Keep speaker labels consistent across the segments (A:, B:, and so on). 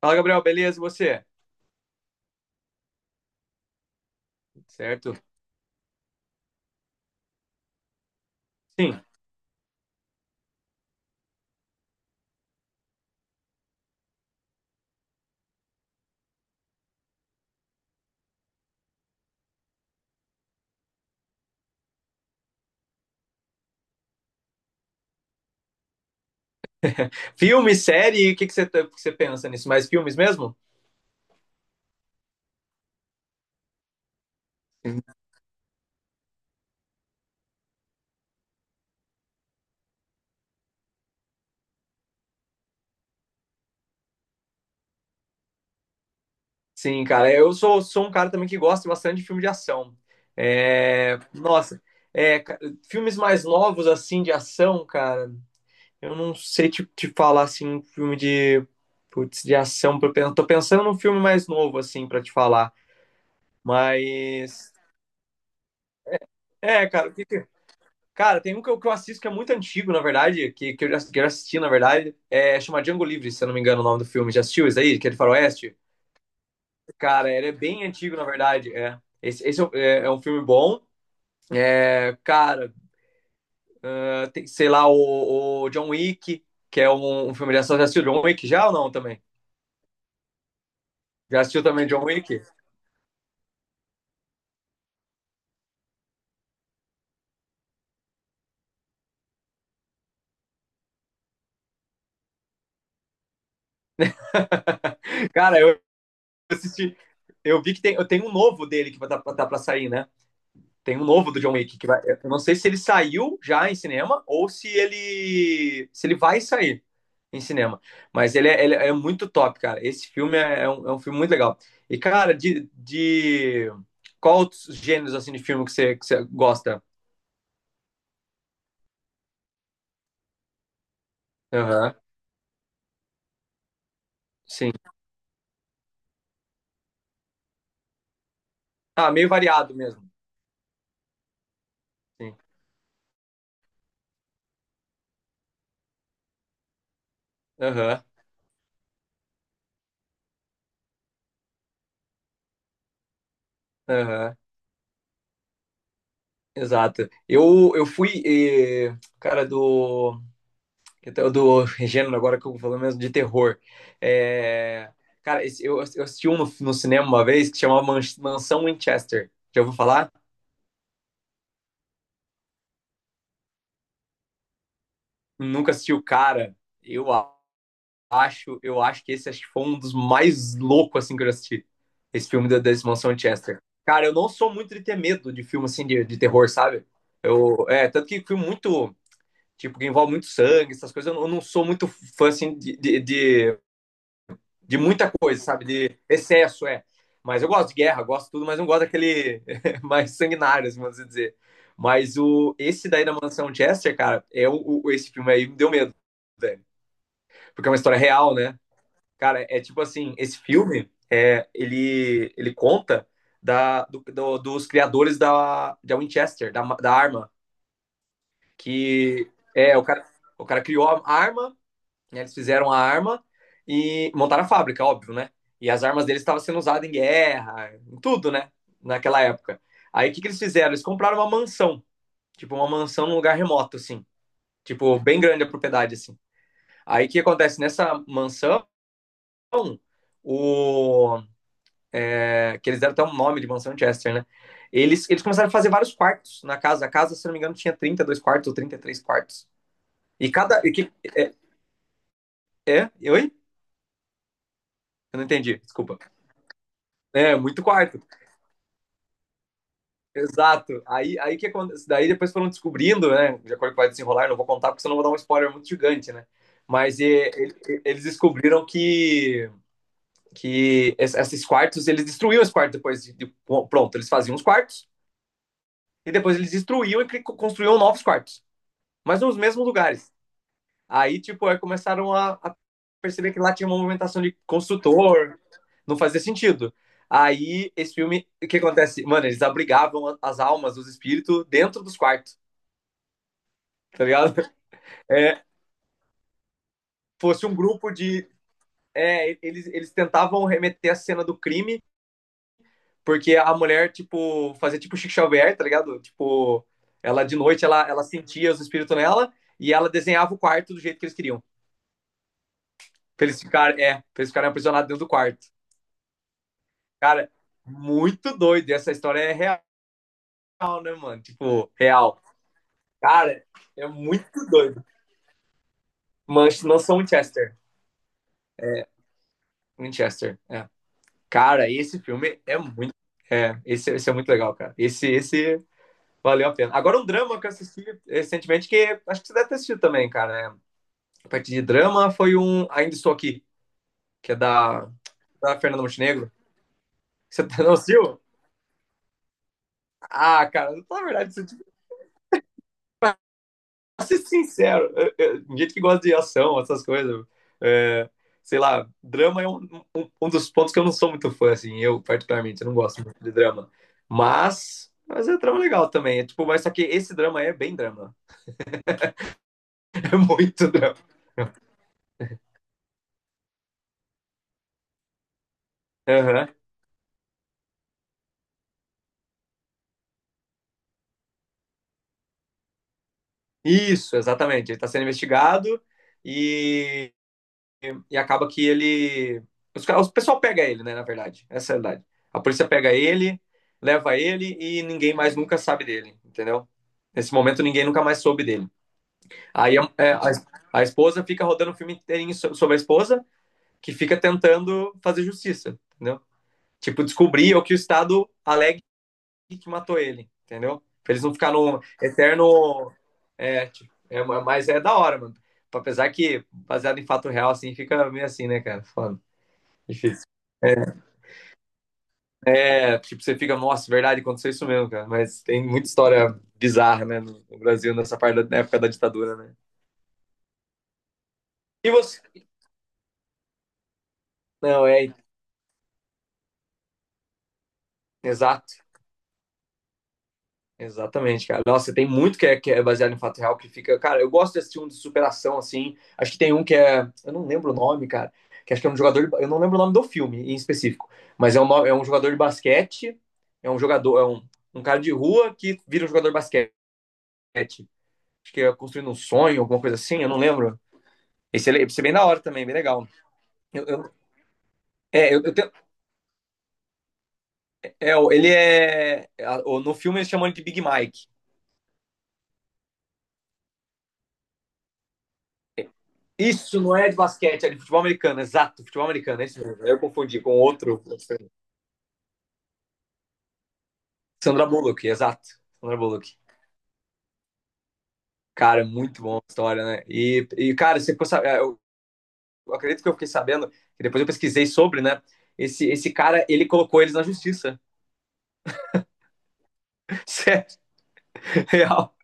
A: Fala, Gabriel, beleza? E você? Certo? Sim. Filme, série, o que você pensa nisso? Mais filmes mesmo? Sim, cara, eu sou um cara também que gosta bastante de filme de ação. É, nossa, é, ca- filmes mais novos, assim, de ação, cara, eu não sei te falar, assim, um filme de, putz, de ação. Tô pensando num filme mais novo, assim, pra te falar. Mas, é, cara, Cara, tem um que eu assisto que é muito antigo, na verdade, que eu já assisti, na verdade. É chamado Django Livre, se eu não me engano o nome do filme. Já assistiu isso aí? Que é de faroeste? Cara, ele é bem antigo, na verdade. É. Esse é, é um filme bom. É, cara, é, tem, sei lá, o John Wick, que é um filme de ação. Já assistiu John Wick já ou não também? Já assistiu também John Wick? Cara, eu assisti. Eu vi que tem, eu tenho um novo dele que vai estar tá, tá pra sair, né? Tem um novo do John Wick que vai. Eu não sei se ele saiu já em cinema ou se ele vai sair em cinema. Mas ele é muito top, cara. Esse filme é um filme muito legal. E, cara, qual outros gêneros assim, de filme que você gosta? Aham, sim. Ah, meio variado mesmo. Sim. Aham, aham, exato. Eu fui, eh, cara, do Então, do gênero agora que eu vou falando mesmo de terror. É, Cara, eu assisti um no, no cinema uma vez que chamava Mansão Winchester. Já ouviu falar? Nunca assisti o cara. Eu a- eu acho que foi um dos mais loucos assim que eu já assisti. Esse filme da, desse Mansão Winchester. Cara, eu não sou muito de ter medo de filme assim de terror, sabe? Eu, é, tanto que filme muito, tipo, que envolve muito sangue, essas coisas, eu não sou muito fã assim de muita coisa, sabe? De excesso, é. Mas eu gosto de guerra, gosto de tudo, mas não gosto daquele mais sanguinário, assim, vamos dizer. Mas o, esse daí da Mansão Chester, cara, é esse filme aí me deu medo, velho. Porque é uma história real, né? Cara, é tipo assim, esse filme, é, ele conta dos criadores da Winchester, da arma. Que é, o cara criou a arma né, Eles fizeram a arma e montaram a fábrica, óbvio, né? E as armas deles estavam sendo usadas em guerra, em tudo, né? Naquela época. Aí o que, que eles fizeram? Eles compraram uma mansão, tipo uma mansão num lugar remoto, assim. Tipo, bem grande a propriedade, assim. Aí o que acontece? Nessa mansão, o... É, que eles deram até um nome de mansão Chester, né? Eles começaram a fazer vários quartos na casa. A casa, se não me engano, tinha 32 quartos ou 33 quartos. E cada. E que, é, é? Oi? Eu não entendi, desculpa. É, muito quarto. Exato. Aí que acontece. Daí depois foram descobrindo, né? De acordo com o que vai desenrolar, eu não vou contar porque senão eu vou dar um spoiler muito gigante, né? Mas e, eles descobriram que, esses quartos, eles destruíam os quartos pronto, eles faziam os quartos e depois eles destruíam e construíam novos quartos, mas nos mesmos lugares. Aí, tipo, aí começaram a perceber que lá tinha uma movimentação de construtor, não fazia sentido. Aí, esse filme, o que acontece? Mano, eles abrigavam as almas, os espíritos dentro dos quartos. Tá ligado? É, fosse um grupo de. É, eles tentavam remeter a cena do crime, porque a mulher, tipo, fazia tipo Chico Xavier, tá ligado? Tipo, ela de noite ela sentia os espíritos nela e ela desenhava o quarto do jeito que eles queriam. Pra eles ficarem, é, pra eles ficarem aprisionados dentro do quarto. Cara, muito doido. Essa história é real, né, mano? Tipo, real. Cara, é muito doido. Mas não são Winchester. Winchester, é. Cara, esse filme é muito. É, esse é muito legal, cara. Esse valeu a pena. Agora, um drama que eu assisti recentemente, que acho que você deve ter assistido também, cara. Né? A partir de drama foi um Ainda Estou Aqui, que é da Fernanda Montenegro. Você não assistiu? Ah, cara, na verdade, ser sincero, gente que gosta de ação, essas coisas, é, sei lá, drama é um dos pontos que eu não sou muito fã, assim, eu particularmente, eu não gosto muito de drama, mas é drama legal também, é tipo, mas só que esse drama é bem drama, é muito drama. Aham. Isso, exatamente, ele tá sendo investigado e e acaba que ele. O pessoal pega ele, né? Na verdade, essa é a verdade. A polícia pega ele, leva ele e ninguém mais nunca sabe dele, entendeu? Nesse momento, ninguém nunca mais soube dele. Aí a, é, a, A esposa fica rodando o filme inteirinho sobre a esposa, que fica tentando fazer justiça, entendeu? Tipo, descobrir o que o Estado alegue que matou ele, entendeu? Pra eles não ficarem no eterno. É, tipo, é, mas é da hora, mano. Apesar que, baseado em fato real, assim, fica meio assim, né, cara? Foda. Difícil. É, é, tipo, você fica, nossa, é verdade, aconteceu isso mesmo, cara. Mas tem muita história bizarra, né, no Brasil, nessa parte da na época da ditadura, né? E você? Não, é, exato. Exatamente, cara. Nossa, tem muito que é baseado em fato real que fica. Cara, eu gosto de assistir um de superação, assim. Acho que tem um que é. Eu não lembro o nome, cara. Que acho que é um jogador. Eu não lembro o nome do filme em específico. Mas é um, é um jogador de basquete. É um jogador. É um, um cara de rua que vira um jogador de basquete. Acho que é construindo um sonho, alguma coisa assim. Eu não lembro. Esse é bem da hora também, bem legal. Eu, eu- eu tenho, é, ele é. No filme eles chamam ele de Big Mike. Isso não é de basquete, é de futebol americano, exato, futebol americano, é isso mesmo. Eu confundi com outro. Sandra Bullock, exato. Sandra Bullock. Cara, é muito bom a história, né? E cara, você ficou sabendo, eu acredito que eu fiquei sabendo, que depois eu pesquisei sobre, né? Esse cara, ele colocou eles na justiça. Sério, real.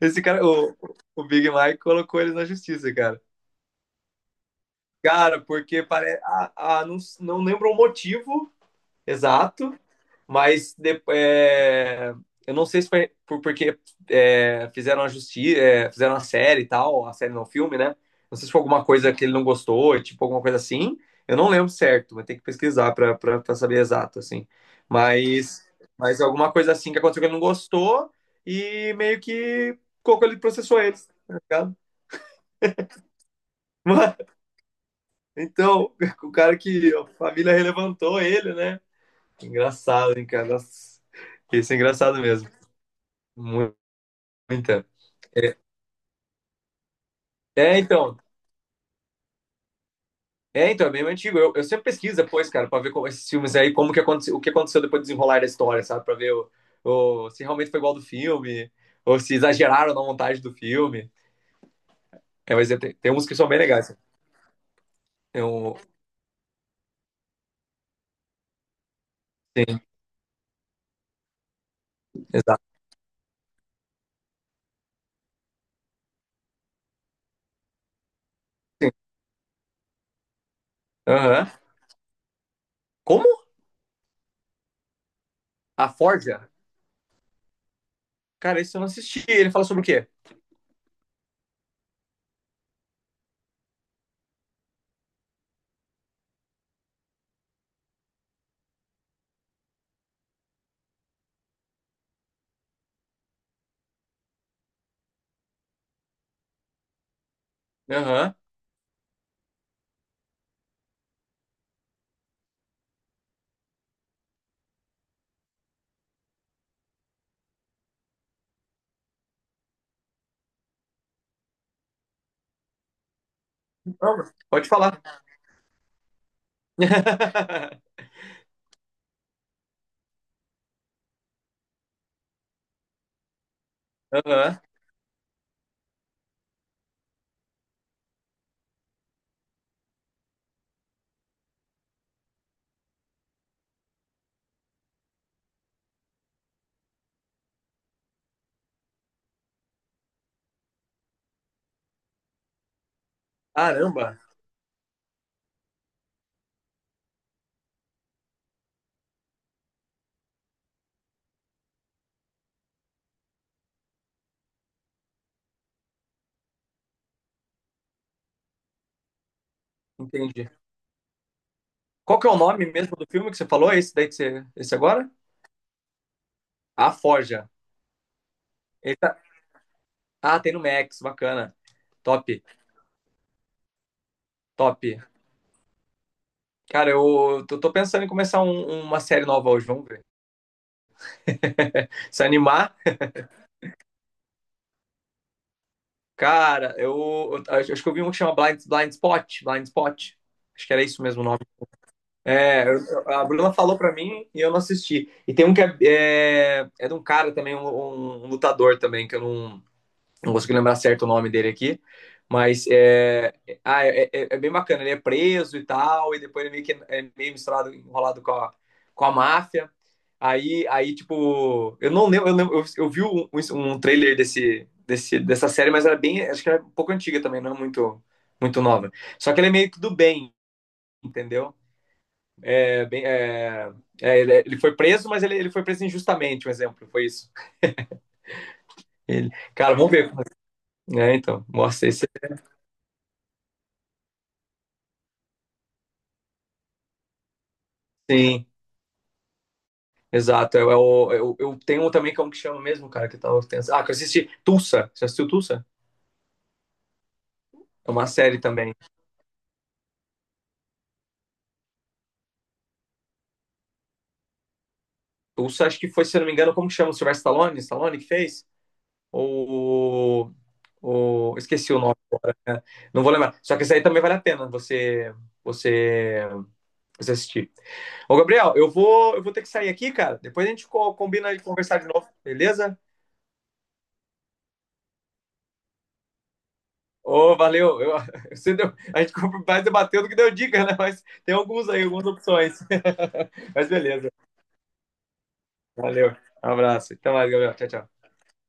A: Esse cara, o Big Mike colocou eles na justiça, cara. Cara, porque parece. Ah, ah, não lembro o motivo exato, é, eu não sei se foi por, porque é, fizeram a justiça, fizeram a série e tal, a série não, o filme, né? Não sei se foi alguma coisa que ele não gostou, tipo alguma coisa assim. Eu não lembro certo, mas tem que pesquisar pra pra saber exato, assim. Mas, mas alguma coisa assim que aconteceu que ele não gostou e meio que colocou ele processou eles, tá ligado? Então, o cara que a família relevantou ele, né? Engraçado, hein, cara? Nossa, Isso é engraçado mesmo. Mu- Muita. É, é, então. É, então, é bem antigo. Eu sempre pesquiso depois, cara, pra ver como, esses filmes aí, como que aconteceu, o que aconteceu depois do desenrolar da história, sabe? Pra ver se realmente foi igual ao do filme, ou se exageraram na montagem do filme. É, mas é, tem, tem uns que são bem legais. Cara. Tem um, sim, exato. Sim. Aham. Como? A Forja? Cara, isso eu não assisti. Ele fala sobre o quê? Aham. Não, Pode falar. Aham. Caramba, entendi. Qual que é o nome mesmo do filme que você falou? Esse daí que você, esse agora? A Forja. Ele tá- Ah, tem no Max, bacana. Top, top. Cara, eu tô pensando em começar uma série nova hoje, vamos ver. Se animar, cara, eu acho que eu vi um que chama Blind Spot. Acho que era isso mesmo o nome. É, a Bruna falou pra mim e eu não assisti. E tem um que é, é, é de um cara também, um lutador também, que eu não, não consegui lembrar certo o nome dele aqui, mas é, ah, é, é, é bem bacana. Ele é preso e tal, e depois ele meio que é meio misturado, enrolado com a máfia. Aí, tipo, eu não lembro, eu, lembro, eu vi um, um trailer dessa série, mas era bem, acho que era um pouco antiga também, não é muito, muito nova. Só que ele é meio que do bem, entendeu? É, bem, é, é, ele, foi preso, mas ele foi preso injustamente, um exemplo, foi isso. Ele, cara, vamos ver. É, então, mostra esse, assim, Exato. Eu tenho um também que é um que chama mesmo, cara, que eu tava pensando. Ah, que eu assisti Tulsa. Você assistiu Tulsa? É uma série também. Tulsa, acho que foi, se eu não me engano, como que chama? O Sylvester Stallone? Stallone que fez? Ou. Ou... Esqueci o nome, né? Não vou lembrar. Só que isso aí também vale a pena você, você assistir. Ô, Gabriel, eu vou ter que sair aqui, cara. Depois a gente combina de conversar de novo, beleza? Ô, valeu. Eu- você deu- a gente mais debateu do que deu dica, né? Mas tem alguns aí, algumas opções. Mas beleza. Valeu. Um abraço. Até mais, Gabriel. Tchau, tchau.